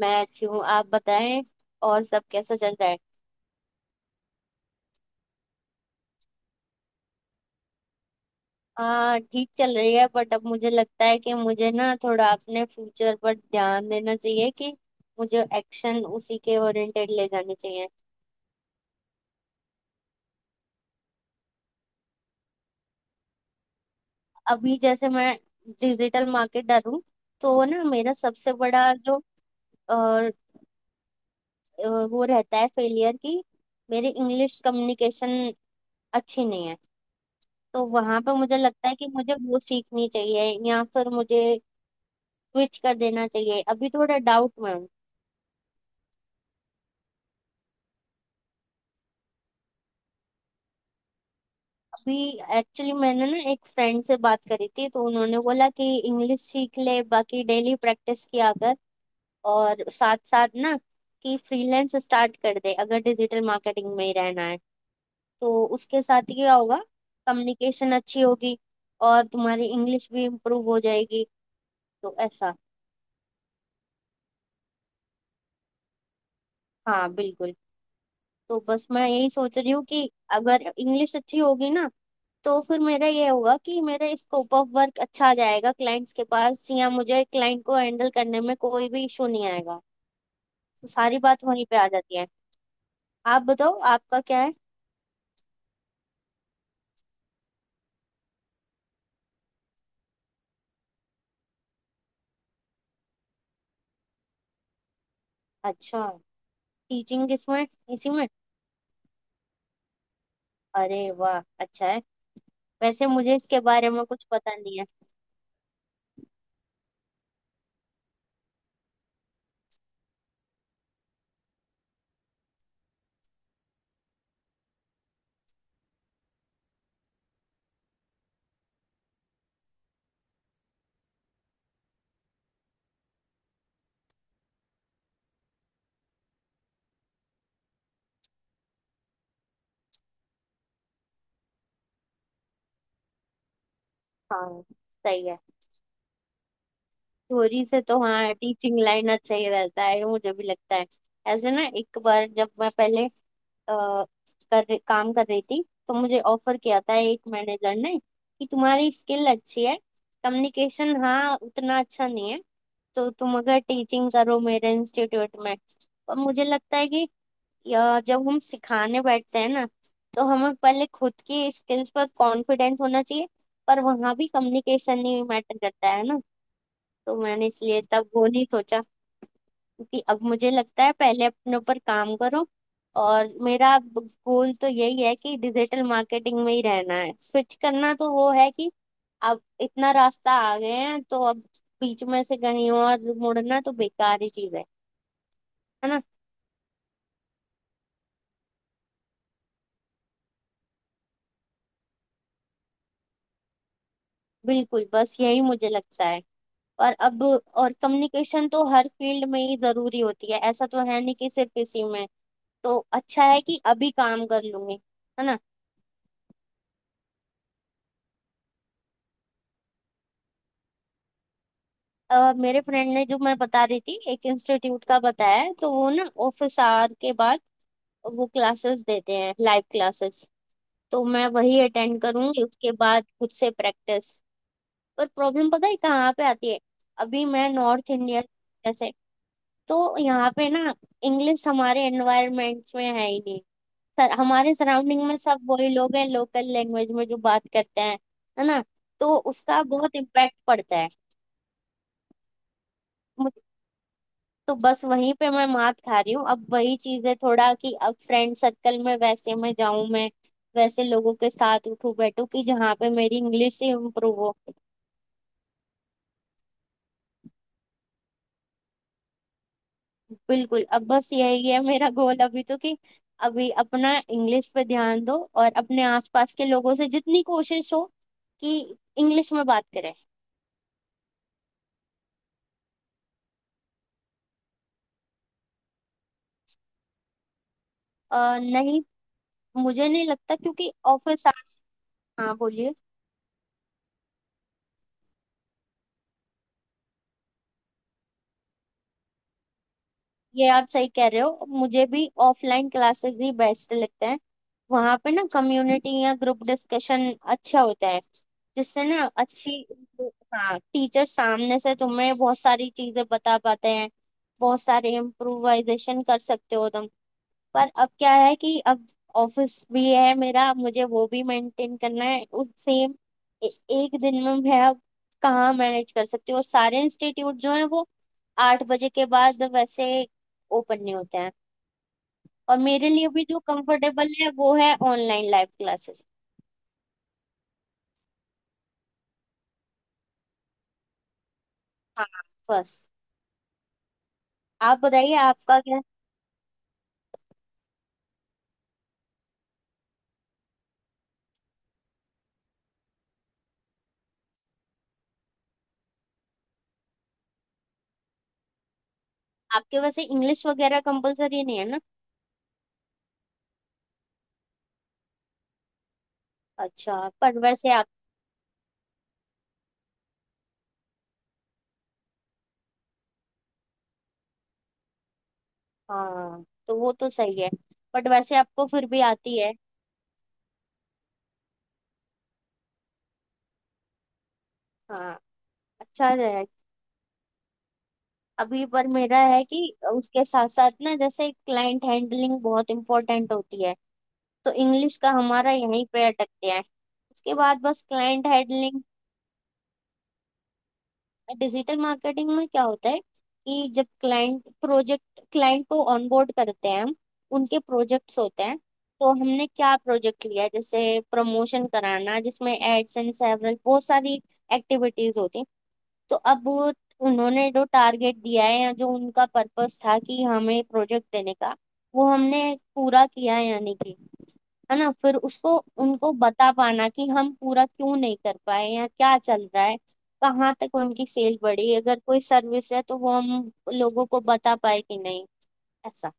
मैं अच्छी हूँ, आप बताएं। और सब कैसा चल रहा है। हाँ, ठीक चल रही है बट अब मुझे लगता है कि मुझे ना थोड़ा अपने फ्यूचर पर ध्यान देना चाहिए, कि मुझे एक्शन उसी के ओरिएंटेड ले जाने चाहिए। अभी जैसे मैं डिजिटल मार्केटर हूँ, तो ना मेरा सबसे बड़ा जो अ, वो रहता है फेलियर की, मेरी इंग्लिश कम्युनिकेशन अच्छी नहीं है। तो वहां पे मुझे लगता है कि मुझे वो सीखनी चाहिए या फिर मुझे स्विच कर देना चाहिए, अभी थोड़ा डाउट में हूँ। अभी एक्चुअली मैंने ना एक फ्रेंड से बात करी थी तो उन्होंने बोला कि इंग्लिश सीख ले, बाकी डेली प्रैक्टिस किया कर और साथ साथ ना कि फ्रीलांस स्टार्ट कर दे। अगर डिजिटल मार्केटिंग में ही रहना है तो उसके साथ क्या होगा, कम्युनिकेशन अच्छी होगी और तुम्हारी इंग्लिश भी इम्प्रूव हो जाएगी। तो ऐसा। हाँ बिल्कुल। तो बस मैं यही सोच रही हूँ कि अगर इंग्लिश अच्छी होगी ना तो फिर मेरा ये होगा कि मेरा स्कोप ऑफ वर्क अच्छा आ जाएगा, क्लाइंट्स के पास, या मुझे क्लाइंट को हैंडल करने में कोई भी इशू नहीं आएगा। तो सारी बात वहीं पे आ जाती है। आप बताओ आपका क्या है। अच्छा। टीचिंग किसमें। इसी में। अरे वाह, अच्छा है। वैसे मुझे इसके बारे में कुछ पता नहीं है। हाँ। सही है। थ्योरी से तो हाँ टीचिंग लाइन अच्छा ही रहता है, मुझे भी लगता है। ऐसे ना एक बार जब मैं पहले अ, कर काम कर रही थी तो मुझे ऑफर किया था एक मैनेजर ने कि तुम्हारी स्किल अच्छी है, कम्युनिकेशन हाँ उतना अच्छा नहीं है, तो तुम अगर टीचिंग करो मेरे इंस्टीट्यूट में। पर मुझे लगता है कि जब हम सिखाने बैठते हैं ना तो हमें पहले खुद की स्किल्स पर कॉन्फिडेंट होना चाहिए। पर वहाँ भी कम्युनिकेशन ही मैटर करता है ना। तो मैंने इसलिए तब वो नहीं सोचा, क्योंकि अब मुझे लगता है पहले अपने ऊपर काम करो। और मेरा गोल तो यही है कि डिजिटल मार्केटिंग में ही रहना है, स्विच करना तो वो है कि अब इतना रास्ता आ गए हैं तो अब बीच में से कहीं और मुड़ना तो बेकार ही चीज है ना। बिल्कुल, बस यही मुझे लगता है। और अब और कम्युनिकेशन तो हर फील्ड में ही जरूरी होती है, ऐसा तो है नहीं कि सिर्फ इसी में। तो अच्छा है कि अभी काम कर लूंगी, है ना। मेरे फ्रेंड ने जो मैं बता रही थी एक इंस्टीट्यूट का बताया है, तो वो ना ऑफिस आवर के बाद वो क्लासेस देते हैं, लाइव क्लासेस। तो मैं वही अटेंड करूंगी, उसके बाद खुद से प्रैक्टिस। पर प्रॉब्लम पता है कहाँ पे आती है, अभी मैं नॉर्थ इंडिया जैसे, तो यहाँ पे ना इंग्लिश हमारे एनवायरमेंट्स में है ही नहीं। सर हमारे सराउंडिंग में सब वही लोग हैं, लोकल लैंग्वेज में जो बात करते हैं, है ना। तो उसका बहुत इम्पैक्ट पड़ता है। तो बस वहीं पे मैं मात खा रही हूँ, अब वही चीज है थोड़ा कि अब फ्रेंड सर्कल में वैसे मैं जाऊं, मैं वैसे लोगों के साथ उठूं बैठूं कि जहाँ पे मेरी इंग्लिश ही इम्प्रूव हो। बिल्कुल, अब बस यही है मेरा गोल अभी तो, कि अभी अपना इंग्लिश पे ध्यान दो और अपने आसपास के लोगों से जितनी कोशिश हो कि इंग्लिश में बात करें। नहीं, मुझे नहीं लगता क्योंकि ऑफिस आवर्स। हाँ बोलिए। ये आप सही कह रहे हो, मुझे भी ऑफलाइन क्लासेस ही बेस्ट लगते हैं। वहां पे ना कम्युनिटी या ग्रुप डिस्कशन अच्छा होता है, जिससे ना अच्छी। हाँ, टीचर सामने से तुम्हें बहुत सारी चीजें बता पाते हैं, बहुत सारे इम्प्रोवाइजेशन कर सकते हो तुम। पर अब क्या है कि अब ऑफिस भी है मेरा, मुझे वो भी मेंटेन करना है उस सेम, एक दिन में मैं अब कहाँ मैनेज कर सकती हूँ। और सारे इंस्टीट्यूट जो है वो 8 बजे के बाद वैसे ओपन नहीं होते हैं। और मेरे लिए भी जो कंफर्टेबल है वो है ऑनलाइन लाइव क्लासेस। हाँ बस। आप बताइए आपका क्या। आपके वैसे इंग्लिश वगैरह कंपलसरी नहीं है ना। अच्छा, पर वैसे आप। हाँ तो वो तो सही है, बट वैसे आपको फिर भी आती है। हाँ, अच्छा है। अभी पर मेरा है कि उसके साथ साथ ना जैसे क्लाइंट हैंडलिंग बहुत इंपॉर्टेंट होती है, तो इंग्लिश का हमारा यहीं पे अटकते हैं। उसके बाद बस क्लाइंट हैंडलिंग। डिजिटल मार्केटिंग में क्या होता है कि जब क्लाइंट को ऑनबोर्ड करते हैं हम, उनके प्रोजेक्ट्स होते हैं। तो हमने क्या प्रोजेक्ट लिया है, जैसे प्रमोशन कराना जिसमें एड्स एंड सेवरल बहुत सारी एक्टिविटीज होती हैं। तो अब वो उन्होंने जो टारगेट दिया है या जो उनका पर्पस था कि हमें प्रोजेक्ट देने का, वो हमने पूरा किया है या नहीं किया, है ना। फिर उसको उनको बता पाना कि हम पूरा क्यों नहीं कर पाए या क्या चल रहा है, कहाँ तक उनकी सेल बढ़ी, अगर कोई सर्विस है तो वो हम लोगों को बता पाए कि नहीं। ऐसा।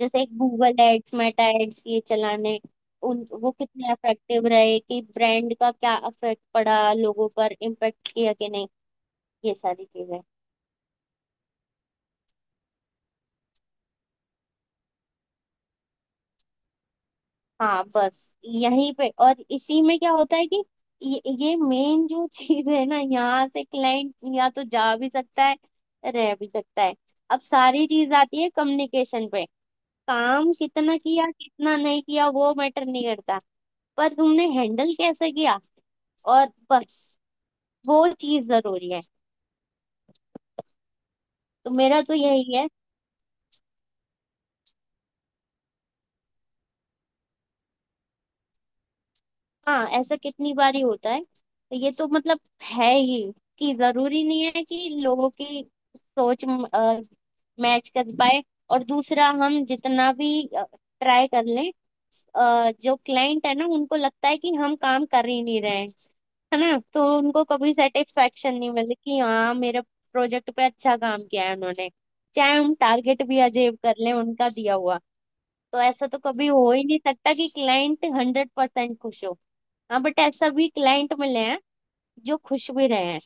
जैसे एक गूगल एड्स, मेटा एड्स ये चलाने, उन वो कितने इफेक्टिव रहे, कि ब्रांड का क्या इफेक्ट पड़ा, लोगों पर इम्पेक्ट किया कि नहीं, ये सारी चीजें। हाँ बस यहीं पे। और इसी में क्या होता है कि ये मेन जो चीज है ना, यहाँ से क्लाइंट या तो जा भी सकता है, रह भी सकता है। अब सारी चीज आती है कम्युनिकेशन पे। काम कितना किया कितना नहीं किया वो मैटर नहीं करता, पर तुमने हैंडल कैसे किया, और बस वो चीज जरूरी है। तो मेरा तो यही है। हाँ ऐसा कितनी बार ही होता है, तो ये तो मतलब है ही कि जरूरी नहीं है कि लोगों की सोच मैच कर पाए। और दूसरा हम जितना भी ट्राई कर लें, जो क्लाइंट है ना उनको लगता है कि हम काम कर ही नहीं रहे हैं, है ना। तो उनको कभी सेटिस्फेक्शन नहीं मिलती कि हाँ मेरे प्रोजेक्ट पे अच्छा काम किया है उन्होंने, चाहे हम टारगेट भी अचीव कर लें उनका दिया हुआ। तो ऐसा तो कभी हो ही नहीं सकता कि क्लाइंट 100% खुश हो। हाँ बट ऐसा भी क्लाइंट मिले हैं जो खुश भी रहे हैं।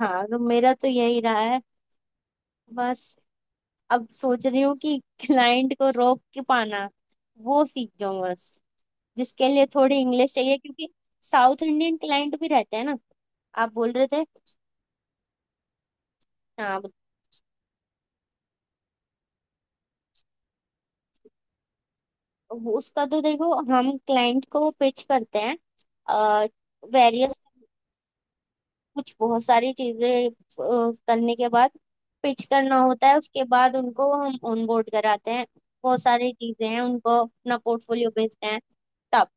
हाँ तो मेरा तो यही रहा है। बस अब सोच रही हूँ कि क्लाइंट को रोक के पाना वो सीख जाऊँ बस, जिसके लिए थोड़ी इंग्लिश चाहिए, क्योंकि साउथ इंडियन क्लाइंट भी रहते हैं ना, आप बोल रहे थे। हाँ। उसका तो देखो हम क्लाइंट को पिच करते हैं, वेरियस कुछ बहुत सारी चीजें करने के बाद पिच करना होता है, उसके बाद उनको हम ऑन बोर्ड कराते हैं, बहुत सारी चीजें हैं, उनको अपना पोर्टफोलियो भेजते हैं तब।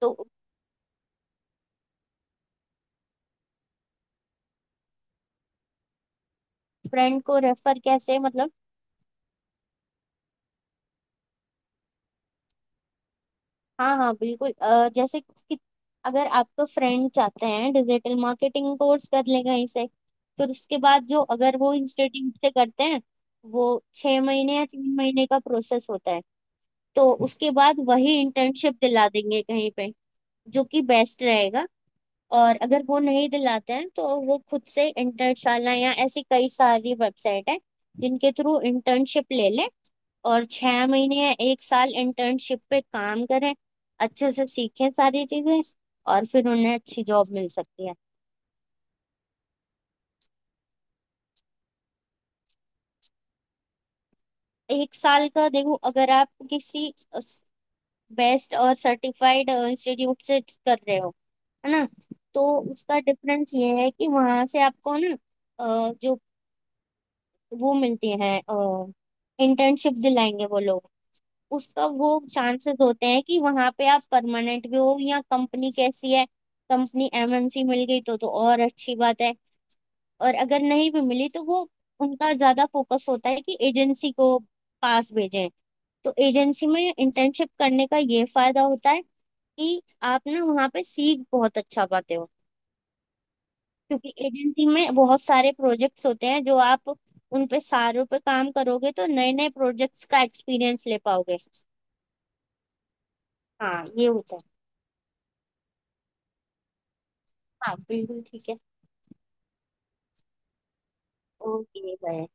तो फ्रेंड को रेफर कैसे मतलब। हाँ हाँ बिल्कुल, जैसे कि अगर आपको फ्रेंड चाहते हैं डिजिटल मार्केटिंग कोर्स कर ले कहीं से, फिर उसके बाद जो अगर वो इंस्टीट्यूट से करते हैं वो 6 महीने या 3 महीने का प्रोसेस होता है, तो उसके बाद वही इंटर्नशिप दिला देंगे कहीं पे, जो कि बेस्ट रहेगा। और अगर वो नहीं दिलाते हैं तो वो खुद से इंटर्नशाला या ऐसी कई सारी वेबसाइट है, जिनके थ्रू इंटर्नशिप ले लें और 6 महीने या एक साल इंटर्नशिप पे काम करें, अच्छे से सीखें सारी चीजें, और फिर उन्हें अच्छी जॉब मिल सकती है। एक साल का देखो, अगर आप किसी बेस्ट और सर्टिफाइड इंस्टीट्यूट से कर रहे हो, है ना, तो उसका डिफरेंस ये है कि वहां से आपको ना अ, जो वो मिलती हैं, इंटर्नशिप दिलाएंगे वो लोग। उसका वो चांसेस होते हैं कि वहां पे आप परमानेंट भी हो, या कंपनी कैसी है, कंपनी एमएनसी मिल गई तो और अच्छी बात है। और अगर नहीं भी मिली तो वो उनका ज्यादा फोकस होता है कि एजेंसी को पास भेजें। तो एजेंसी में इंटर्नशिप करने का ये फायदा होता है कि आप ना वहाँ पे सीख बहुत अच्छा पाते हो, क्योंकि एजेंसी में बहुत सारे प्रोजेक्ट्स होते हैं, जो आप उन पे सारों पे काम करोगे तो नए नए प्रोजेक्ट्स का एक्सपीरियंस ले पाओगे। हाँ ये होता है। हाँ बिल्कुल ठीक है। Okay bye.